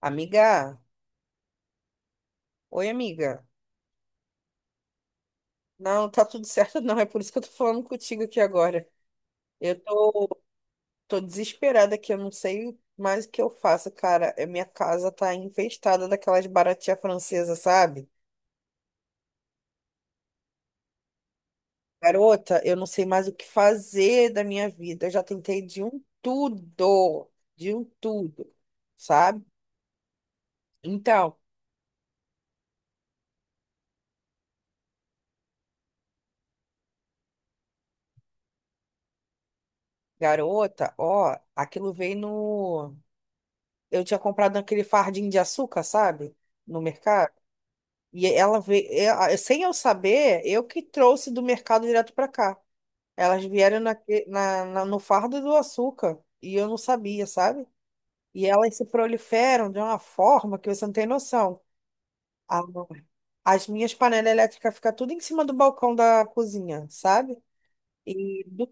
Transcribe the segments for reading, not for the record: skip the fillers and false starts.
Amiga, oi amiga. Não, tá tudo certo não, é por isso que eu tô falando contigo aqui agora. Eu tô, tô desesperada aqui, eu não sei mais o que eu faço, cara. É, minha casa tá infestada daquelas baratinhas francesas, sabe? Garota, eu não sei mais o que fazer da minha vida. Eu já tentei de um tudo, sabe? Então, garota, ó, aquilo veio no... eu tinha comprado naquele fardinho de açúcar, sabe? No mercado. E ela veio, sem eu saber, eu que trouxe do mercado direto para cá. Elas vieram na, na, na- No fardo do açúcar e eu não sabia, sabe? E elas se proliferam de uma forma que você não tem noção. A- As minhas panelas elétricas ficam tudo em cima do balcão da cozinha, sabe? E do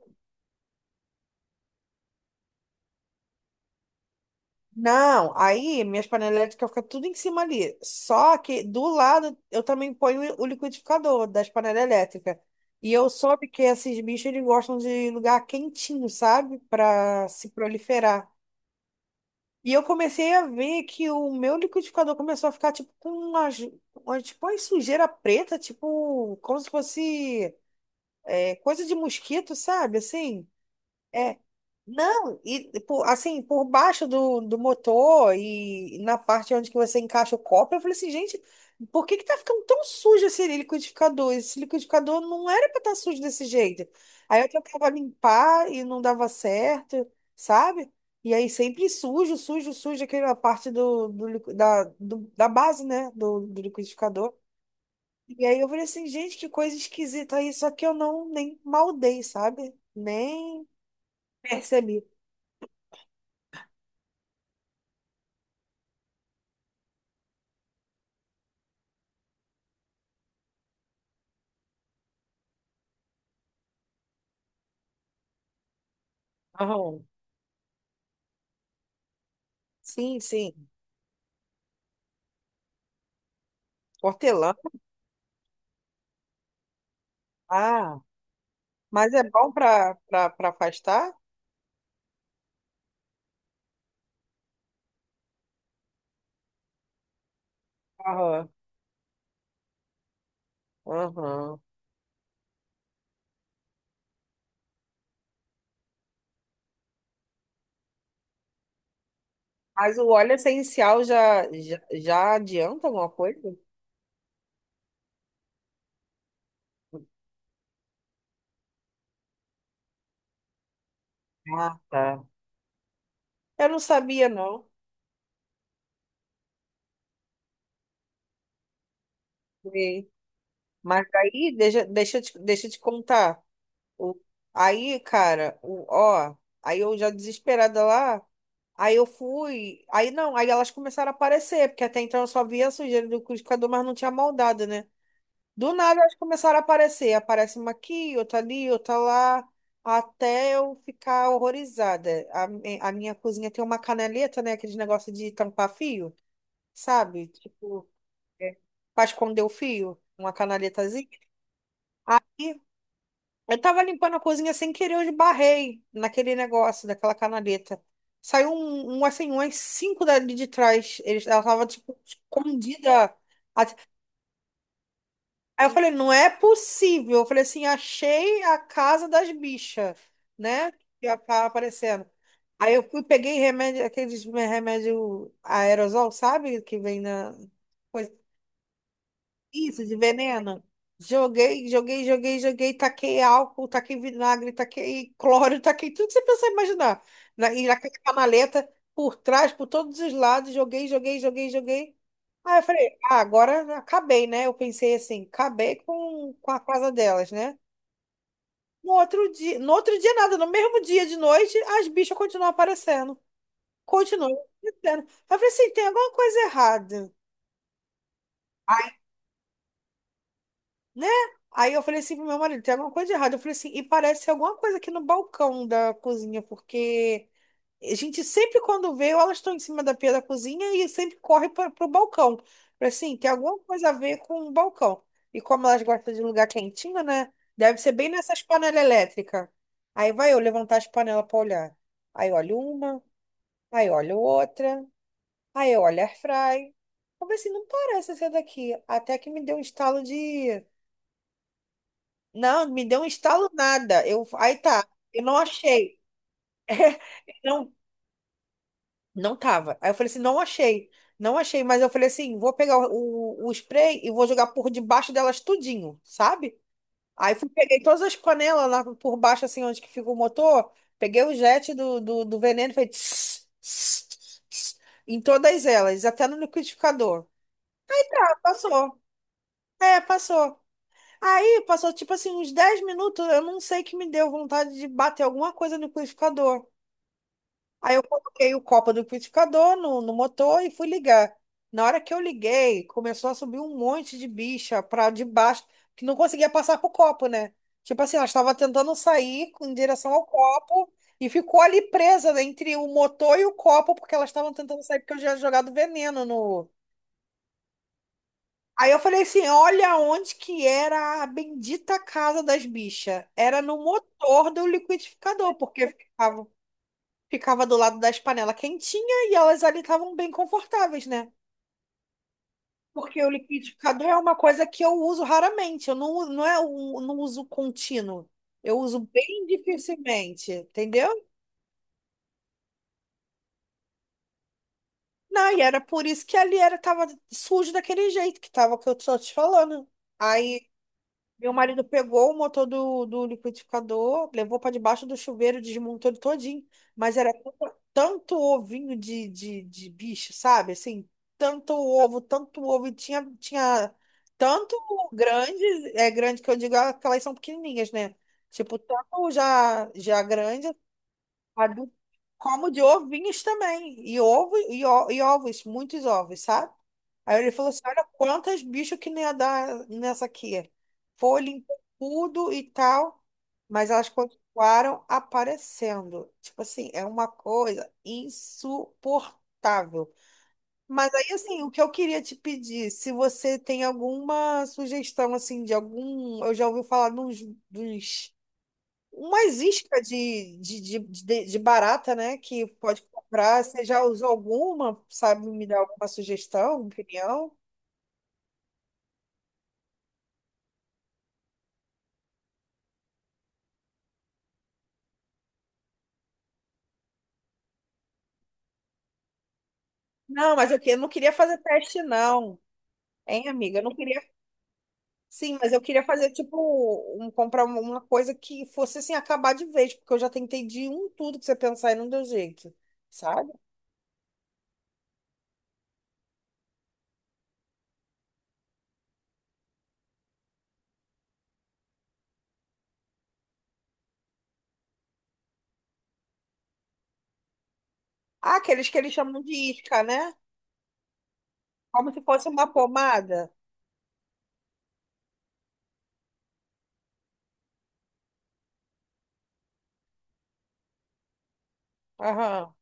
Não, aí minhas panelinhas ficam tudo em cima ali. Só que do lado eu também ponho o liquidificador das panelas elétricas. E eu soube que esses bichos eles gostam de lugar quentinho, sabe? Para se proliferar. E eu comecei a ver que o meu liquidificador começou a ficar tipo com tipo, uma sujeira preta, tipo, como se fosse é, coisa de mosquito, sabe? Assim. É. Não, assim, por baixo do motor e na parte onde que você encaixa o copo, eu falei assim, gente, por que que tá ficando tão sujo esse liquidificador? Esse liquidificador não era pra estar sujo desse jeito. Aí eu tentava limpar e não dava certo, sabe? E aí sempre sujo, sujo, sujo, aquela parte do, do, liqui- da, do- da base, né, do liquidificador. E aí eu falei assim, gente, que coisa esquisita isso, só que eu não nem maldei, sabe? Nem percebi. Aham. Sim, sim. Hortelã. Ah, mas é bom para para afastar? Aham. Aham. Mas o óleo essencial já, já, já adianta alguma coisa? Ah, tá. Eu não sabia, não. Sim. Mas aí, deixa eu te contar. O, Aí, cara, ó, aí eu já desesperada lá, aí eu fui, aí não, aí elas começaram a aparecer, porque até então eu só via a sujeira do liquidificador, mas não tinha maldade, né? Do nada elas começaram a aparecer. Aparece uma aqui, outra ali, outra lá, até eu ficar horrorizada. A minha cozinha tem uma canaleta, né? Aquele negócio de tampar fio, sabe? Tipo, é, pra esconder o fio, uma canaletazinha. Aí eu tava limpando a cozinha sem querer, eu esbarrei naquele negócio daquela canaleta. Saiu um assim, umas cinco dali de trás. Ela tava, tipo, escondida. Aí eu falei, não é possível. Eu falei assim, achei a casa das bichas, né? Que ia tá aparecendo. Aí eu fui, peguei remédio, aqueles remédio aerosol, sabe? Que vem na coisa. Isso, de veneno. Joguei, joguei, joguei, joguei, taquei álcool, taquei vinagre, taquei cloro, taquei tudo que você pensar e imaginar. E naquela canaleta, por trás, por todos os lados, joguei, joguei, joguei, joguei. Aí eu falei, ah, agora acabei, né? Eu pensei assim, acabei com a casa delas, né? No outro dia, no outro dia nada, no mesmo dia de noite, as bichas continuam aparecendo. Continuam aparecendo. Eu falei assim, tem alguma coisa errada, né? Aí eu falei assim pro meu marido, tem alguma coisa de errado. Eu falei assim, e parece ser alguma coisa aqui no balcão da cozinha, porque a gente sempre quando vê, elas estão em cima da pia da cozinha e sempre corre para pro balcão. Eu falei assim, tem alguma coisa a ver com o balcão. E como elas gostam de lugar quentinho, né? Deve ser bem nessas panelas elétricas. Aí vai eu levantar as panelas para olhar. Aí olho uma, aí olho outra, aí olho air fry. Eu falei assim, não parece ser daqui. Até que me deu um estalo de não, me deu um estalo nada. Aí tá, eu não achei. Não, não tava. Aí eu falei assim, não achei. Não achei, mas eu falei assim, vou pegar o spray e vou jogar por debaixo delas tudinho, sabe? Aí fui, peguei todas as panelas lá por baixo, assim, onde que fica o motor, peguei o jet do veneno e falei tss, tss, tss, em todas elas, até no liquidificador. Ah, passou. É, passou. Aí passou tipo assim uns 10 minutos, eu não sei que me deu vontade de bater alguma coisa no liquidificador. Aí eu coloquei o copo do liquidificador no motor e fui ligar. Na hora que eu liguei, começou a subir um monte de bicha pra debaixo, que não conseguia passar pro copo, né? Tipo assim, ela estava tentando sair em direção ao copo e ficou ali presa, né, entre o motor e o copo, porque elas estavam tentando sair porque eu já tinha jogado veneno no. Aí eu falei assim, olha onde que era a bendita casa das bichas. Era no motor do liquidificador, porque ficava, ficava do lado das panelas quentinha e elas ali estavam bem confortáveis, né? Porque o liquidificador é uma coisa que eu uso raramente, eu não, uso- não é um, não uso contínuo. Eu uso bem dificilmente, entendeu? Não, e era por isso que ali era tava sujo daquele jeito que tava que eu tô te falando. Aí meu marido pegou o motor do liquidificador, levou para debaixo do chuveiro, desmontou ele todinho. Mas era tanto, tanto ovinho de bicho, sabe? Assim, tanto ovo, tanto ovo. E tinha, tinha tanto grande, é grande que eu digo, aquelas são pequenininhas, né? Tipo, tanto já, já grande, adulto, como de ovinhos também. E ovos, muitos ovos, sabe? Aí ele falou assim: olha quantas bichos que não ia dar nessa aqui. Foi, limpou tudo e tal, mas elas continuaram aparecendo. Tipo assim, é uma coisa insuportável. Mas aí, assim, o que eu queria te pedir, se você tem alguma sugestão, assim, de algum. Eu já ouvi falar de uns. De uns- Umas iscas de barata, né? Que pode comprar. Você já usou alguma? Sabe me dar alguma sugestão, opinião? Não, eu não queria fazer teste, não. Hein, amiga? Eu não queria. Sim, mas eu queria fazer, tipo, um, comprar uma coisa que fosse, assim, acabar de vez, porque eu já tentei de um tudo que você pensar e não deu jeito, sabe? Ah, aqueles que eles chamam de isca, né? Como se fosse uma pomada. Aham.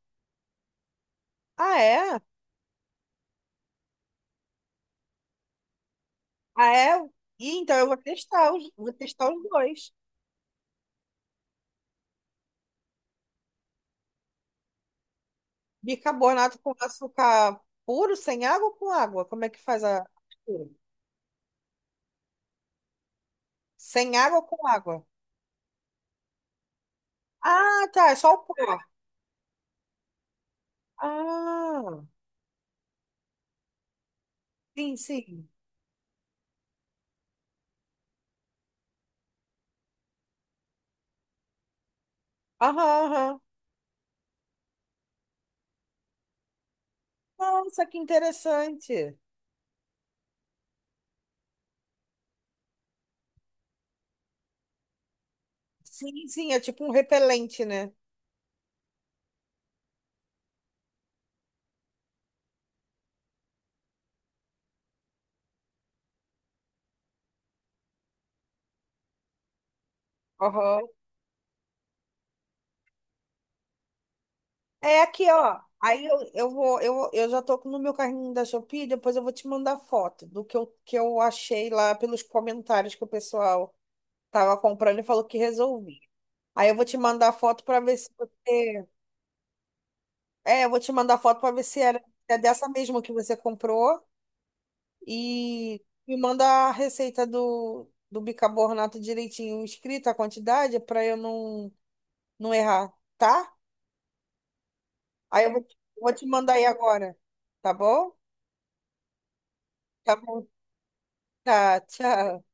Ah, é? Ah, é? E então eu vou testar os dois. Bicarbonato com açúcar puro, sem água ou com água? Como é que faz a. Mistura? Sem água ou com água? Ah, tá, é só o pó. Ah, sim, sim. Aham, aham. Nossa, que interessante. Sim, sim, é tipo um repelente, né? Aham. É aqui, ó. Aí eu vou, eu já tô no meu carrinho da Shopee, depois eu vou te mandar foto que eu achei lá pelos comentários que o pessoal tava comprando e falou que resolvi. Aí eu vou te mandar foto para ver se você. É, eu vou te mandar foto para ver se era, é dessa mesma que você comprou. E me manda a receita do bicarbonato direitinho escrita, a quantidade, para eu não errar, tá? Aí eu vou te mandar aí agora, tá bom? Tá bom, tá, tchau.